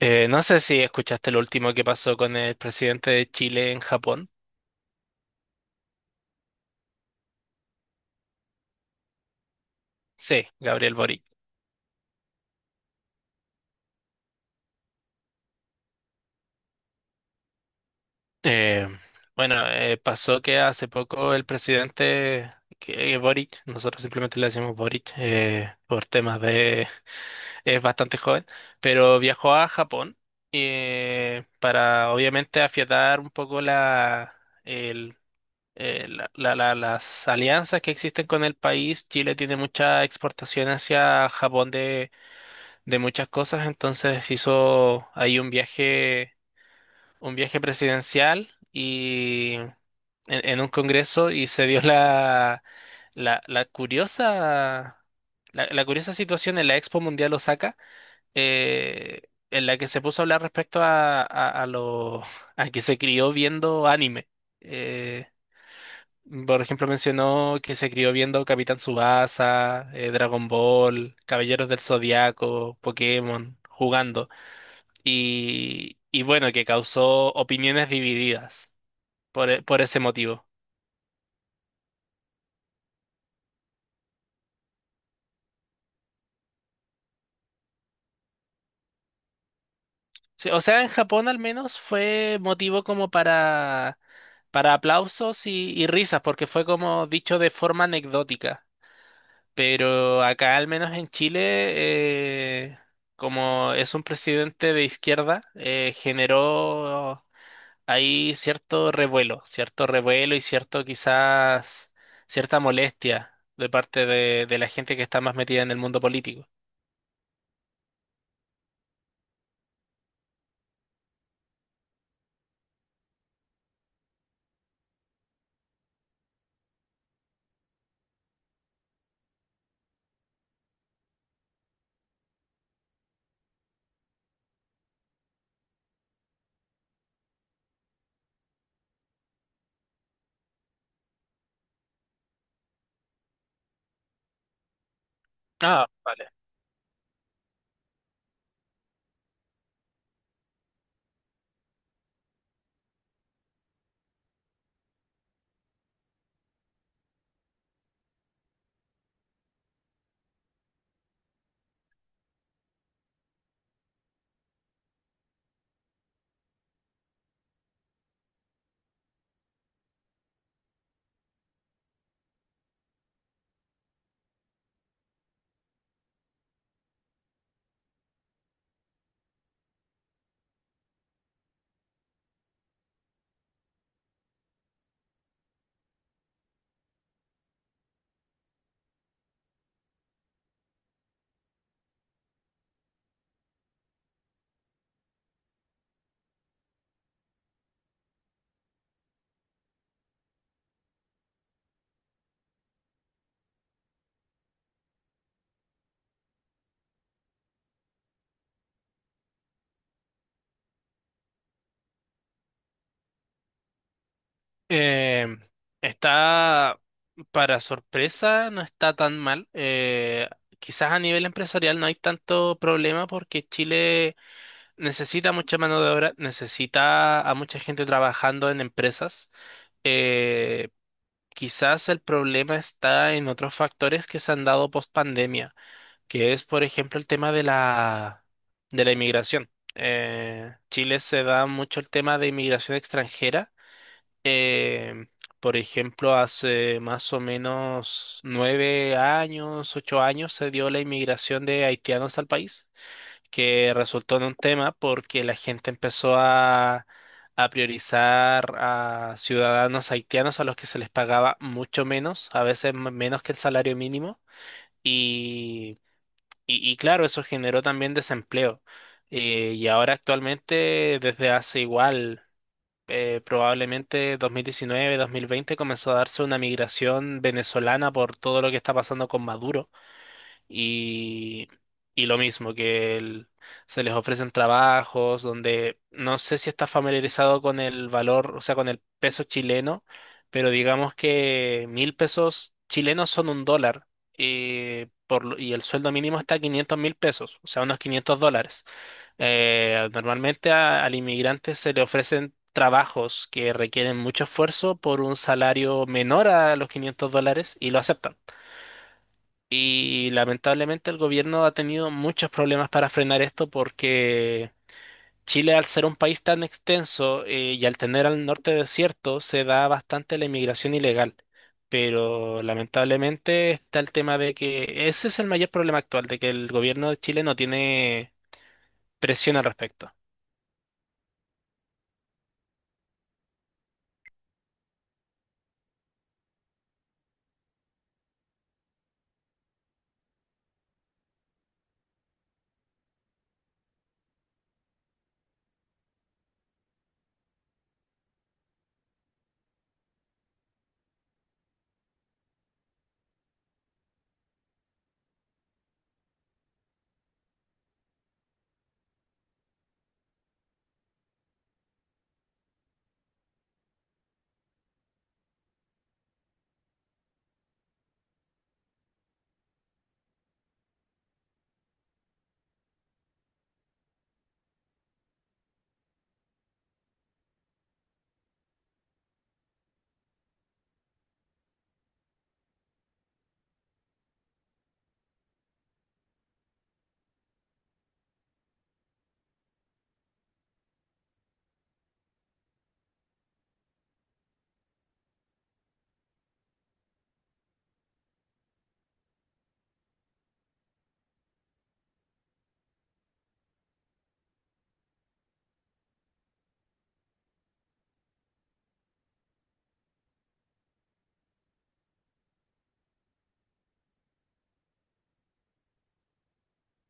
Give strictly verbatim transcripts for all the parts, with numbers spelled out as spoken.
Eh, no sé si escuchaste lo último que pasó con el presidente de Chile en Japón. Sí, Gabriel Boric. Eh, bueno, eh, pasó que hace poco el presidente que, eh, Boric, nosotros simplemente le decimos Boric eh, por temas de... Es bastante joven, pero viajó a Japón eh, para obviamente afiatar un poco la, el, eh, la- la- la- las alianzas que existen con el país. Chile tiene mucha exportación hacia Japón de muchas cosas, entonces hizo ahí un viaje, un viaje presidencial y en, en un congreso y se dio la, la, la curiosa, la, la curiosa situación en la Expo Mundial Osaka, eh, en la que se puso a hablar respecto a, a, a lo, a que se crió viendo anime. Eh, por ejemplo, mencionó que se crió viendo Capitán Tsubasa, eh, Dragon Ball, Caballeros del Zodiaco, Pokémon, jugando y, y bueno, que causó opiniones divididas por, e- por ese motivo. Sí, o sea, en Japón al menos fue motivo como para, para aplausos y, y risas, porque fue como dicho de forma anecdótica. Pero acá, al menos en Chile, eh, como es un presidente de izquierda, eh, generó ahí cierto revuelo, cierto revuelo y cierto quizás cierta molestia de parte de, de la gente que está más metida en el mundo político. Ah, vale. Em, está, para sorpresa, no está tan mal. Eh, quizás a nivel empresarial no hay tanto problema porque Chile necesita mucha mano de obra, necesita a mucha gente trabajando en empresas. Eh, Quizás el problema está en otros factores que se han dado post pandemia, que es, por ejemplo, el tema de la, de la inmigración. Eh, Chile se da mucho el tema de inmigración extranjera. Eh, por ejemplo, hace más o menos nueve años, ocho años, se dio la inmigración de haitianos al país que resultó en un tema porque la gente empezó a, a priorizar a ciudadanos haitianos a los que se les pagaba mucho menos, a veces m- menos que el salario mínimo, y, y- y claro, eso generó también desempleo. Eh, y ahora actualmente, desde hace igual, eh, probablemente dos mil diecinueve, dos mil veinte, comenzó a darse una migración venezolana por todo lo que está pasando con Maduro y, y lo mismo, que el- se les ofrecen trabajos donde no sé si está familiarizado con el valor, o sea, con el peso chileno, pero digamos que mil pesos chilenos son un dólar eh, por lo- y el sueldo mínimo está a quinientos mil pesos, o sea, unos quinientos dólares. Eh, normalmente a- al inmigrante se le ofrecen trabajos que requieren mucho esfuerzo por un salario menor a los quinientos dólares y lo aceptan. Y lamentablemente el gobierno ha tenido muchos problemas para frenar esto porque Chile, al ser un país tan extenso eh, y al tener al norte desierto, se da bastante la inmigración ilegal. Pero lamentablemente está el tema de que ese es el mayor problema actual, de que el gobierno de Chile no tiene presión al respecto.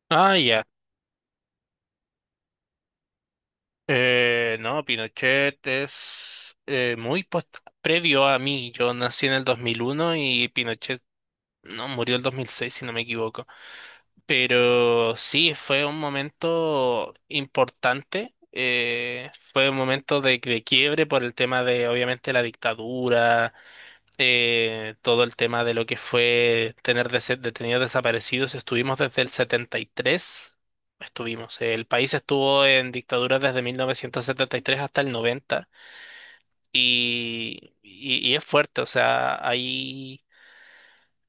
Ah, ya. Eh, no, Pinochet es eh, muy post- previo a mí. Yo nací en el dos mil uno y Pinochet No, murió el dos mil seis, si no me equivoco. Pero sí, fue un momento importante. Eh, fue un momento de, de quiebre por el tema de, obviamente, la dictadura, eh, todo el tema de lo que fue tener dese- detenidos desaparecidos. Estuvimos desde el setenta y tres. Estuvimos. El país estuvo en dictadura desde mil novecientos setenta y tres hasta el noventa. Y, y, y es fuerte, o sea, ahí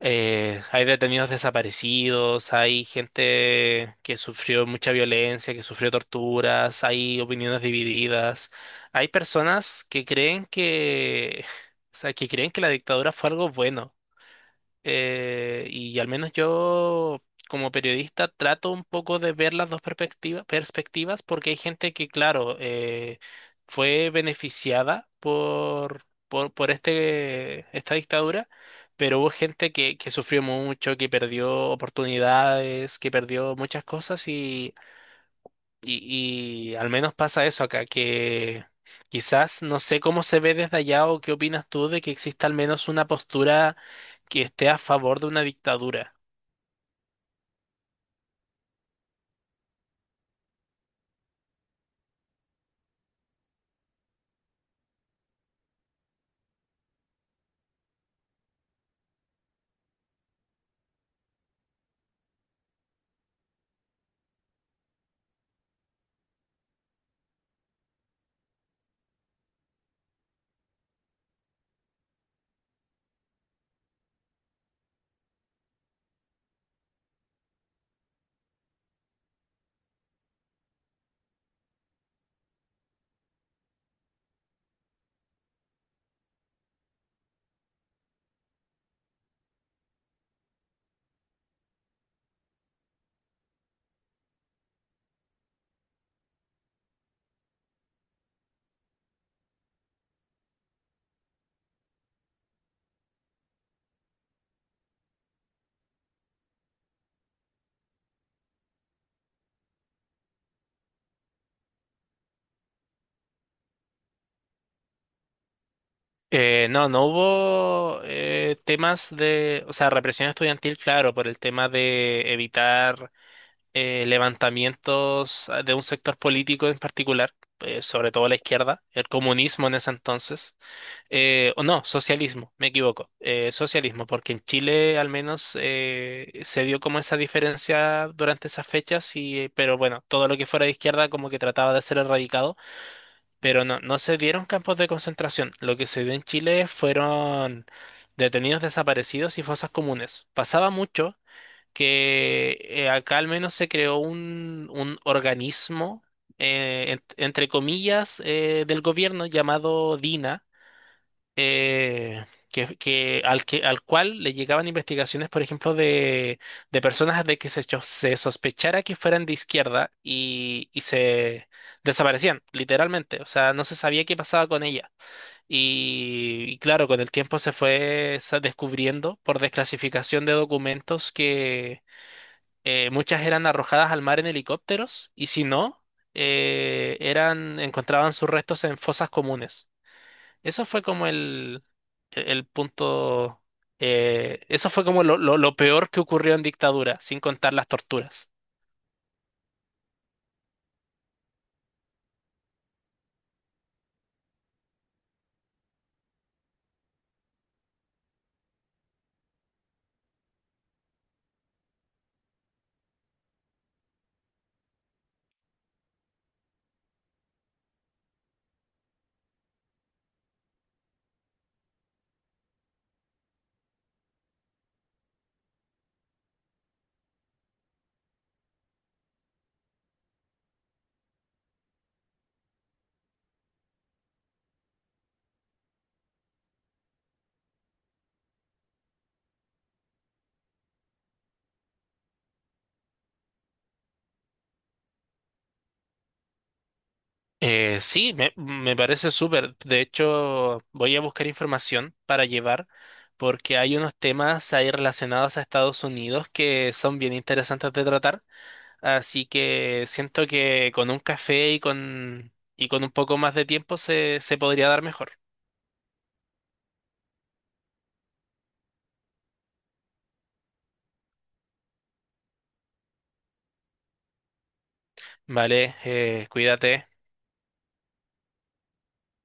eh, hay detenidos desaparecidos, hay gente que sufrió mucha violencia, que sufrió torturas, hay opiniones divididas, hay personas que creen que, o sea, que creen que la dictadura fue algo bueno eh, y al menos yo como periodista trato un poco de ver las dos perspectiva- perspectivas porque hay gente que, claro, eh, fue beneficiada por, por, por este, esta dictadura, pero hubo gente que, que sufrió mucho, que perdió oportunidades, que perdió muchas cosas y, y al menos pasa eso acá, que quizás no sé cómo se ve desde allá o qué opinas tú de que exista al menos una postura que esté a favor de una dictadura. Eh, no, no hubo eh, temas de, o sea, represión estudiantil, claro, por el tema de evitar eh, levantamientos ah, de un sector político en particular, eh, sobre todo la izquierda, el comunismo en ese entonces, eh, o no, socialismo, me equivoco, eh, socialismo, porque en Chile al menos eh, se dio como esa diferencia durante esas fechas, y, eh, pero bueno, todo lo que fuera de izquierda como que trataba de ser erradicado, pero no, no se dieron campos de concentración, lo que se dio en Chile fueron... Detenidos desaparecidos y fosas comunes. Pasaba mucho que eh, acá al menos se creó un, un organismo, eh, ent- entre comillas, eh, del gobierno llamado DINA, eh, que, que, al que, al cual le llegaban investigaciones, por ejemplo, de, de personas de que se, cho- se sospechara que fueran de izquierda y, y se desaparecían, literalmente. O sea, no se sabía qué pasaba con ella. Y, y claro, con el tiempo se fue sa- descubriendo por desclasificación de documentos que eh, muchas eran arrojadas al mar en helicópteros y si no, eh, eran, encontraban sus restos en fosas comunes. Eso fue como el, el- punto, eh, eso fue como lo, lo- lo peor que ocurrió en dictadura, sin contar las torturas. Eh, sí, me, me parece súper. De hecho, voy a buscar información para llevar porque hay unos temas ahí relacionados a Estados Unidos que son bien interesantes de tratar. Así que siento que con un café y con, y con un poco más de tiempo se, se podría dar mejor. Vale, eh, cuídate.